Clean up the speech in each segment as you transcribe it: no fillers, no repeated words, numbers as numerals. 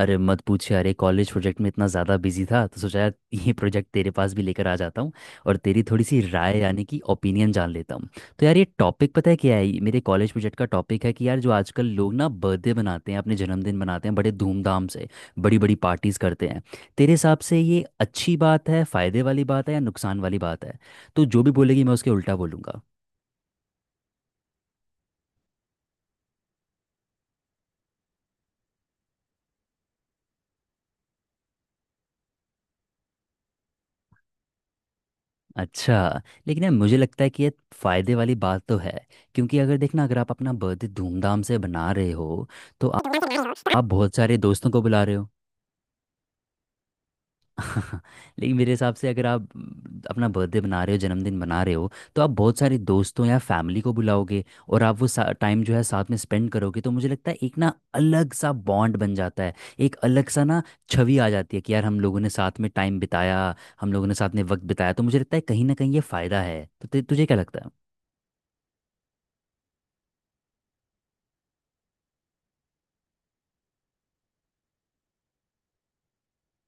अरे मत पूछ यार, ये कॉलेज प्रोजेक्ट में इतना ज़्यादा बिजी था तो सोचा यार, ये प्रोजेक्ट तेरे पास भी लेकर आ जाता हूँ और तेरी थोड़ी सी राय यानी कि ओपिनियन जान लेता हूँ। तो यार ये टॉपिक पता है क्या है? ये मेरे कॉलेज प्रोजेक्ट का टॉपिक है कि यार जो आजकल लोग ना बर्थडे मनाते हैं, अपने जन्मदिन मनाते हैं बड़े धूमधाम से, बड़ी बड़ी पार्टीज़ करते हैं, तेरे हिसाब से ये अच्छी बात है, फ़ायदे वाली बात है या नुकसान वाली बात है? तो जो भी बोलेगी मैं उसके उल्टा बोलूँगा। अच्छा। लेकिन यार मुझे लगता है कि ये फ़ायदे वाली बात तो है, क्योंकि अगर देखना, अगर आप अपना बर्थडे धूमधाम से बना रहे हो तो आप बहुत सारे दोस्तों को बुला रहे हो। लेकिन मेरे हिसाब से अगर आप अपना बर्थडे बना रहे हो, जन्मदिन बना रहे हो, तो आप बहुत सारे दोस्तों या फैमिली को बुलाओगे और आप वो टाइम जो है साथ में स्पेंड करोगे, तो मुझे लगता है एक ना अलग सा बॉन्ड बन जाता है, एक अलग सा ना छवि आ जाती है कि यार हम लोगों ने साथ में टाइम बिताया, हम लोगों ने साथ में वक्त बिताया, तो मुझे लगता है कहीं ना कहीं ये फ़ायदा है। तो तुझे क्या लगता है?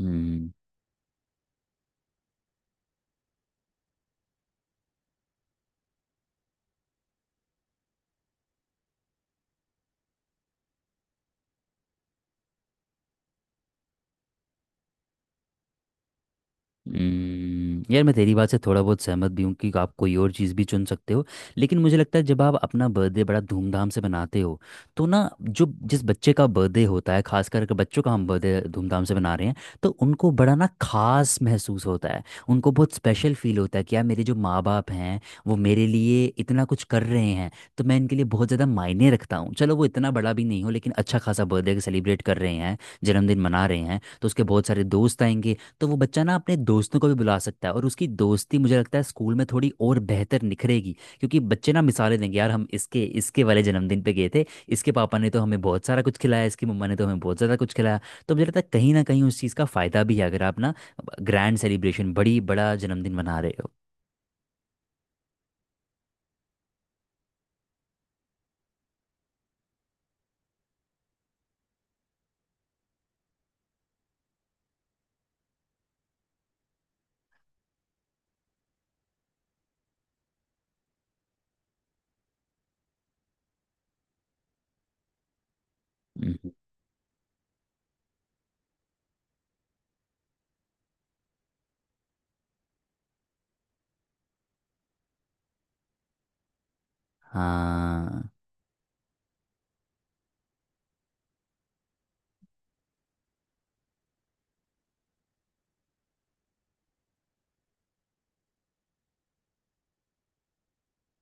हम्म। यार मैं तेरी बात से थोड़ा बहुत सहमत भी हूँ कि आप कोई और चीज़ भी चुन सकते हो, लेकिन मुझे लगता है जब आप अपना बर्थडे बड़ा धूमधाम से मनाते हो तो ना, जो जिस बच्चे का बर्थडे होता है, खास करके बच्चों का हम बर्थडे धूमधाम से मना रहे हैं, तो उनको बड़ा ना खास महसूस होता है, उनको बहुत स्पेशल फील होता है कि यार मेरे जो माँ बाप हैं वो मेरे लिए इतना कुछ कर रहे हैं, तो मैं इनके लिए बहुत ज़्यादा मायने रखता हूँ। चलो वो इतना बड़ा भी नहीं हो, लेकिन अच्छा खासा बर्थडे सेलिब्रेट कर रहे हैं, जन्मदिन मना रहे हैं, तो उसके बहुत सारे दोस्त आएंगे, तो वो बच्चा ना अपने दोस्तों को भी बुला सकता है और उसकी दोस्ती मुझे लगता है स्कूल में थोड़ी और बेहतर निखरेगी, क्योंकि बच्चे ना मिसालें देंगे, यार हम इसके इसके वाले जन्मदिन पे गए थे, इसके पापा ने तो हमें बहुत सारा कुछ खिलाया, इसकी मम्मा ने तो हमें बहुत ज़्यादा कुछ खिलाया, तो मुझे लगता है कहीं ना कहीं उस चीज़ का फ़ायदा भी है अगर आप ना ग्रैंड सेलिब्रेशन बड़ी बड़ा जन्मदिन मना रहे हो। हम्म, हाँ।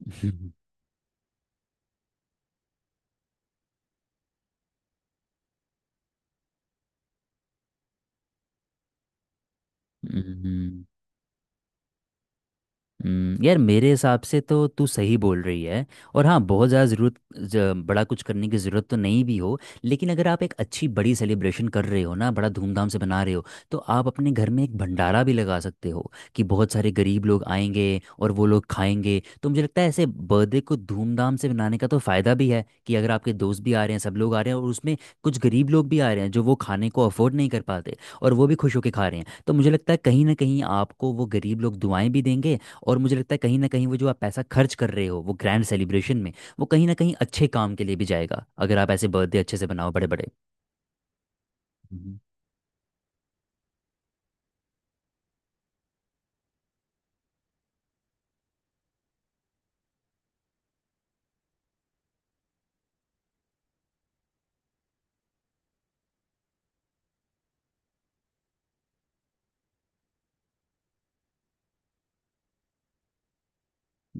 हम्म, यार मेरे हिसाब से तो तू सही बोल रही है, और हाँ बहुत ज़्यादा ज़रूरत बड़ा कुछ करने की ज़रूरत तो नहीं भी हो, लेकिन अगर आप एक अच्छी बड़ी सेलिब्रेशन कर रहे हो ना, बड़ा धूमधाम से बना रहे हो, तो आप अपने घर में एक भंडारा भी लगा सकते हो कि बहुत सारे गरीब लोग आएंगे और वो लोग खाएंगे, तो मुझे लगता है ऐसे बर्थडे को धूमधाम से मनाने का तो फ़ायदा भी है कि अगर आपके दोस्त भी आ रहे हैं, सब लोग आ रहे हैं, और उसमें कुछ गरीब लोग भी आ रहे हैं जो वो खाने को अफोर्ड नहीं कर पाते और वो भी खुश होकर खा रहे हैं, तो मुझे लगता है कहीं ना कहीं आपको वो गरीब लोग दुआएं भी देंगे, और मुझे लगता है कहीं ना कहीं वो जो आप पैसा खर्च कर रहे हो वो ग्रैंड सेलिब्रेशन में, वो कहीं ना कहीं अच्छे काम के लिए भी जाएगा अगर आप ऐसे बर्थडे अच्छे से बनाओ बड़े बड़े। हम्म।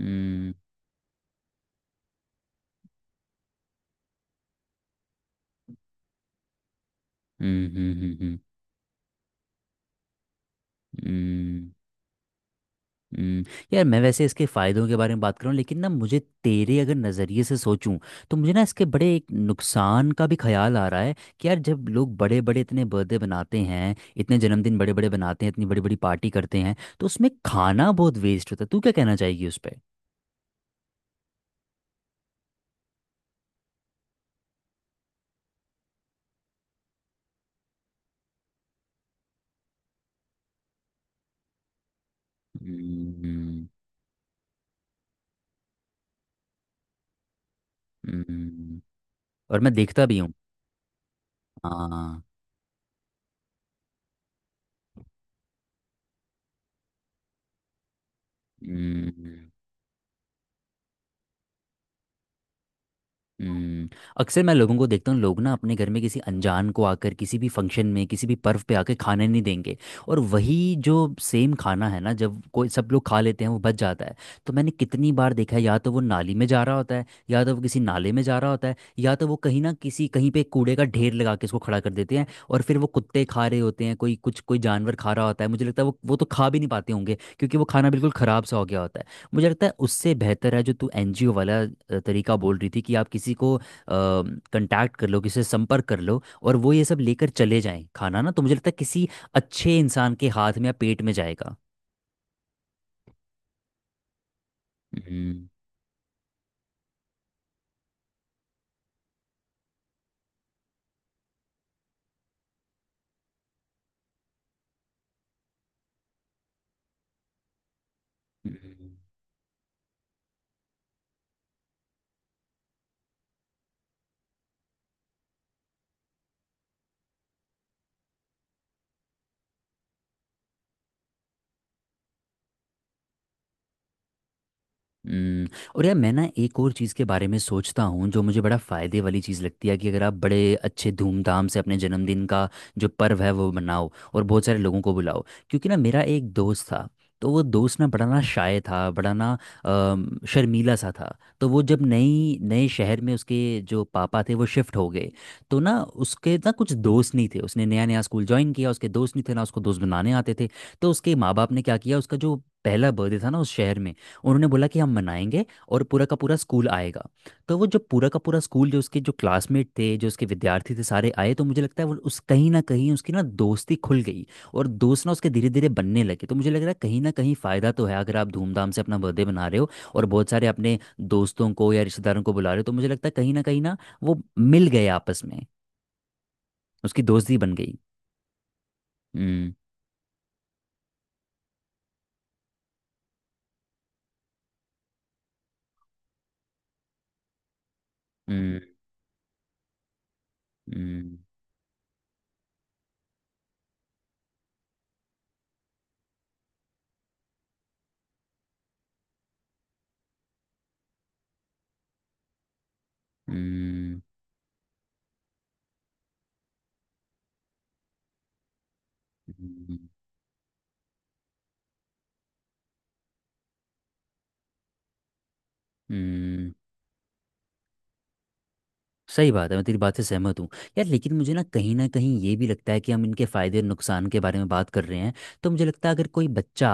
हम्म। हम्म। हम्म, हम्म, हम्म। यार मैं वैसे इसके फ़ायदों के बारे में बात करूँ, लेकिन ना मुझे तेरे अगर नज़रिए से सोचूं तो मुझे ना इसके बड़े एक नुकसान का भी ख्याल आ रहा है कि यार जब लोग बड़े बड़े इतने बर्थडे बनाते हैं, इतने जन्मदिन बड़े बड़े बनाते हैं, इतनी बड़ी बड़ी पार्टी करते हैं, तो उसमें खाना बहुत वेस्ट होता है। तू क्या कहना चाहेगी उस पर? हम्म, और मैं देखता भी हूँ। हाँ। हम्म, हम्म। अक्सर मैं लोगों को देखता हूँ लोग ना अपने घर में किसी अनजान को आकर किसी भी फंक्शन में किसी भी पर्व पे आकर खाने नहीं देंगे, और वही जो सेम खाना है ना, जब कोई सब लोग खा लेते हैं वो बच जाता है, तो मैंने कितनी बार देखा है या तो वो नाली में जा रहा होता है, या तो वो किसी नाले में जा रहा होता है, या तो वो कहीं ना किसी कहीं पे कूड़े का ढेर लगा के इसको खड़ा कर देते हैं और फिर वो कुत्ते खा रहे होते हैं, कोई कुछ कोई जानवर खा रहा होता है, मुझे लगता है वो तो खा भी नहीं पाते होंगे क्योंकि वो खाना बिल्कुल ख़राब सा हो गया होता है। मुझे लगता है उससे बेहतर है जो तू एनजीओ वाला तरीका बोल रही थी कि आप किसी को कांटेक्ट कर लो, किसी से संपर्क कर लो और वो ये सब लेकर चले जाएं खाना, ना तो मुझे लगता है किसी अच्छे इंसान के हाथ में या पेट में जाएगा। हम्म। हम्म। हम्म, और यार मैं ना एक और चीज़ के बारे में सोचता हूँ जो मुझे बड़ा फ़ायदे वाली चीज़ लगती है कि अगर आप बड़े अच्छे धूमधाम से अपने जन्मदिन का जो पर्व है वो मनाओ और बहुत सारे लोगों को बुलाओ, क्योंकि ना मेरा एक दोस्त था, तो वो दोस्त ना बड़ा ना शाय था, बड़ा ना शर्मीला सा था, तो वो जब नई नए शहर में उसके जो पापा थे वो शिफ्ट हो गए, तो ना उसके ना कुछ दोस्त नहीं थे, उसने नया नया स्कूल ज्वाइन किया, उसके दोस्त नहीं थे, ना उसको दोस्त बनाने आते थे, तो उसके माँ बाप ने क्या किया उसका जो पहला बर्थडे था ना उस शहर में उन्होंने बोला कि हम मनाएंगे और पूरा का पूरा स्कूल आएगा, तो वो जो पूरा का पूरा स्कूल जो उसके जो क्लासमेट थे, जो उसके विद्यार्थी थे सारे आए, तो मुझे लगता है वो उस कहीं ना कहीं उसकी ना दोस्ती खुल गई और दोस्त ना उसके धीरे धीरे बनने लगे, तो मुझे लग रहा है कहीं ना कहीं फ़ायदा तो है अगर आप धूमधाम से अपना बर्थडे मना रहे हो और बहुत सारे अपने दोस्तों को या रिश्तेदारों को बुला रहे हो, तो मुझे लगता है कहीं ना वो मिल गए आपस में, उसकी दोस्ती बन गई। हम्म। हम्म। हम्म। हम्म। हम्म, हम्म, हम्म। सही बात है, मैं तेरी बात से सहमत हूँ। यार लेकिन मुझे ना कहीं ये भी लगता है कि हम इनके फायदे और नुकसान के बारे में बात कर रहे हैं, तो मुझे लगता है अगर कोई बच्चा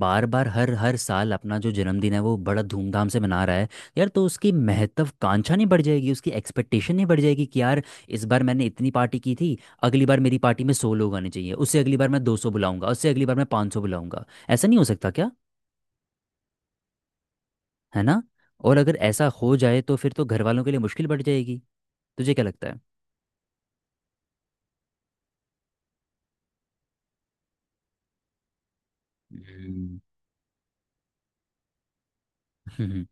बार बार हर हर साल अपना जो जन्मदिन है वो बड़ा धूमधाम से मना रहा है, यार तो उसकी महत्वाकांक्षा नहीं बढ़ जाएगी, उसकी एक्सपेक्टेशन नहीं बढ़ जाएगी कि यार इस बार मैंने इतनी पार्टी की थी, अगली बार मेरी पार्टी में 100 लोग आने चाहिए, उससे अगली बार मैं 200 बुलाऊंगा, उससे अगली बार मैं 500 बुलाऊंगा, ऐसा नहीं हो सकता क्या? है ना? और अगर ऐसा हो जाए तो फिर तो घर वालों के लिए मुश्किल बढ़ जाएगी। तुझे क्या लगता है? हम्म। हम्म,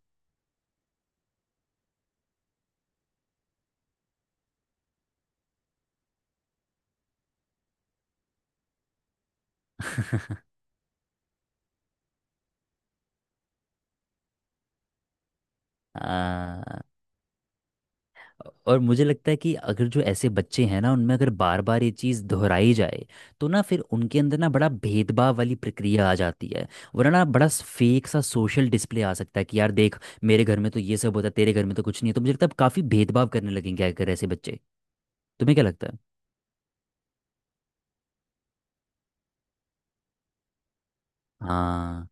आ, और मुझे लगता है कि अगर जो ऐसे बच्चे हैं ना उनमें अगर बार बार ये चीज़ दोहराई जाए तो ना फिर उनके अंदर ना बड़ा भेदभाव वाली प्रक्रिया आ जाती है, वरना ना बड़ा फेक सा सोशल डिस्प्ले आ सकता है कि यार देख मेरे घर में तो ये सब होता है, तेरे घर में तो कुछ नहीं है, तो मुझे लगता है काफ़ी भेदभाव करने लगेंगे अगर ऐसे बच्चे। तुम्हें क्या लगता है? हाँ।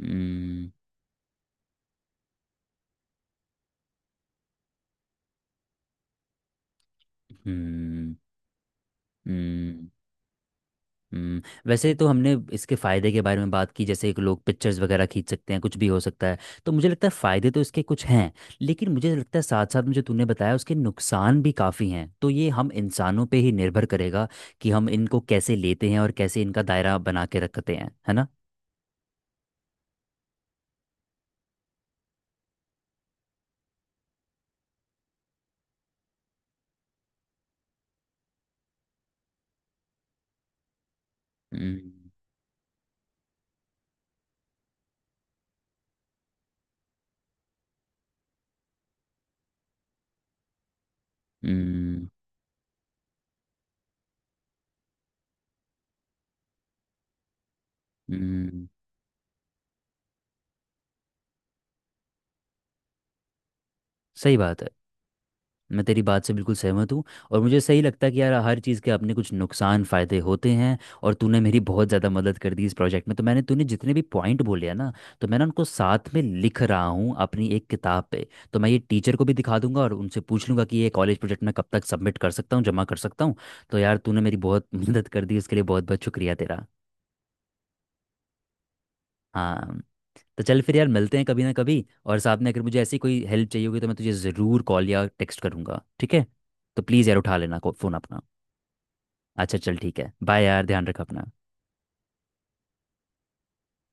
हम्म। हम्म। हम्म। हम्म, वैसे तो हमने इसके फ़ायदे के बारे में बात की जैसे कि लोग पिक्चर्स वगैरह खींच सकते हैं, कुछ भी हो सकता है, तो मुझे लगता है फ़ायदे तो इसके कुछ हैं, लेकिन मुझे लगता है साथ साथ में जो तूने बताया उसके नुकसान भी काफ़ी हैं, तो ये हम इंसानों पे ही निर्भर करेगा कि हम इनको कैसे लेते हैं और कैसे इनका दायरा बना के रखते हैं, है ना? हम्म। हम्म। हम्म, सही बात है, मैं तेरी बात से बिल्कुल सहमत हूँ और मुझे सही लगता है कि यार हर चीज़ के अपने कुछ नुकसान फ़ायदे होते हैं, और तूने मेरी बहुत ज़्यादा मदद कर दी इस प्रोजेक्ट में, तो मैंने तूने जितने भी पॉइंट बोले हैं ना, तो मैं ना उनको साथ में लिख रहा हूँ अपनी एक किताब पे, तो मैं ये टीचर को भी दिखा दूंगा और उनसे पूछ लूंगा कि ये कॉलेज प्रोजेक्ट मैं कब तक सबमिट कर सकता हूँ, जमा कर सकता हूँ, तो यार तूने मेरी बहुत मदद कर दी, उसके लिए बहुत बहुत शुक्रिया तेरा। हाँ। तो चल फिर यार मिलते हैं कभी ना कभी, और साथ में अगर मुझे ऐसी कोई हेल्प चाहिए होगी तो मैं तुझे ज़रूर कॉल या टेक्स्ट करूँगा, ठीक है? तो प्लीज़ यार उठा लेना फ़ोन अपना। अच्छा चल ठीक है, बाय यार, ध्यान रख अपना।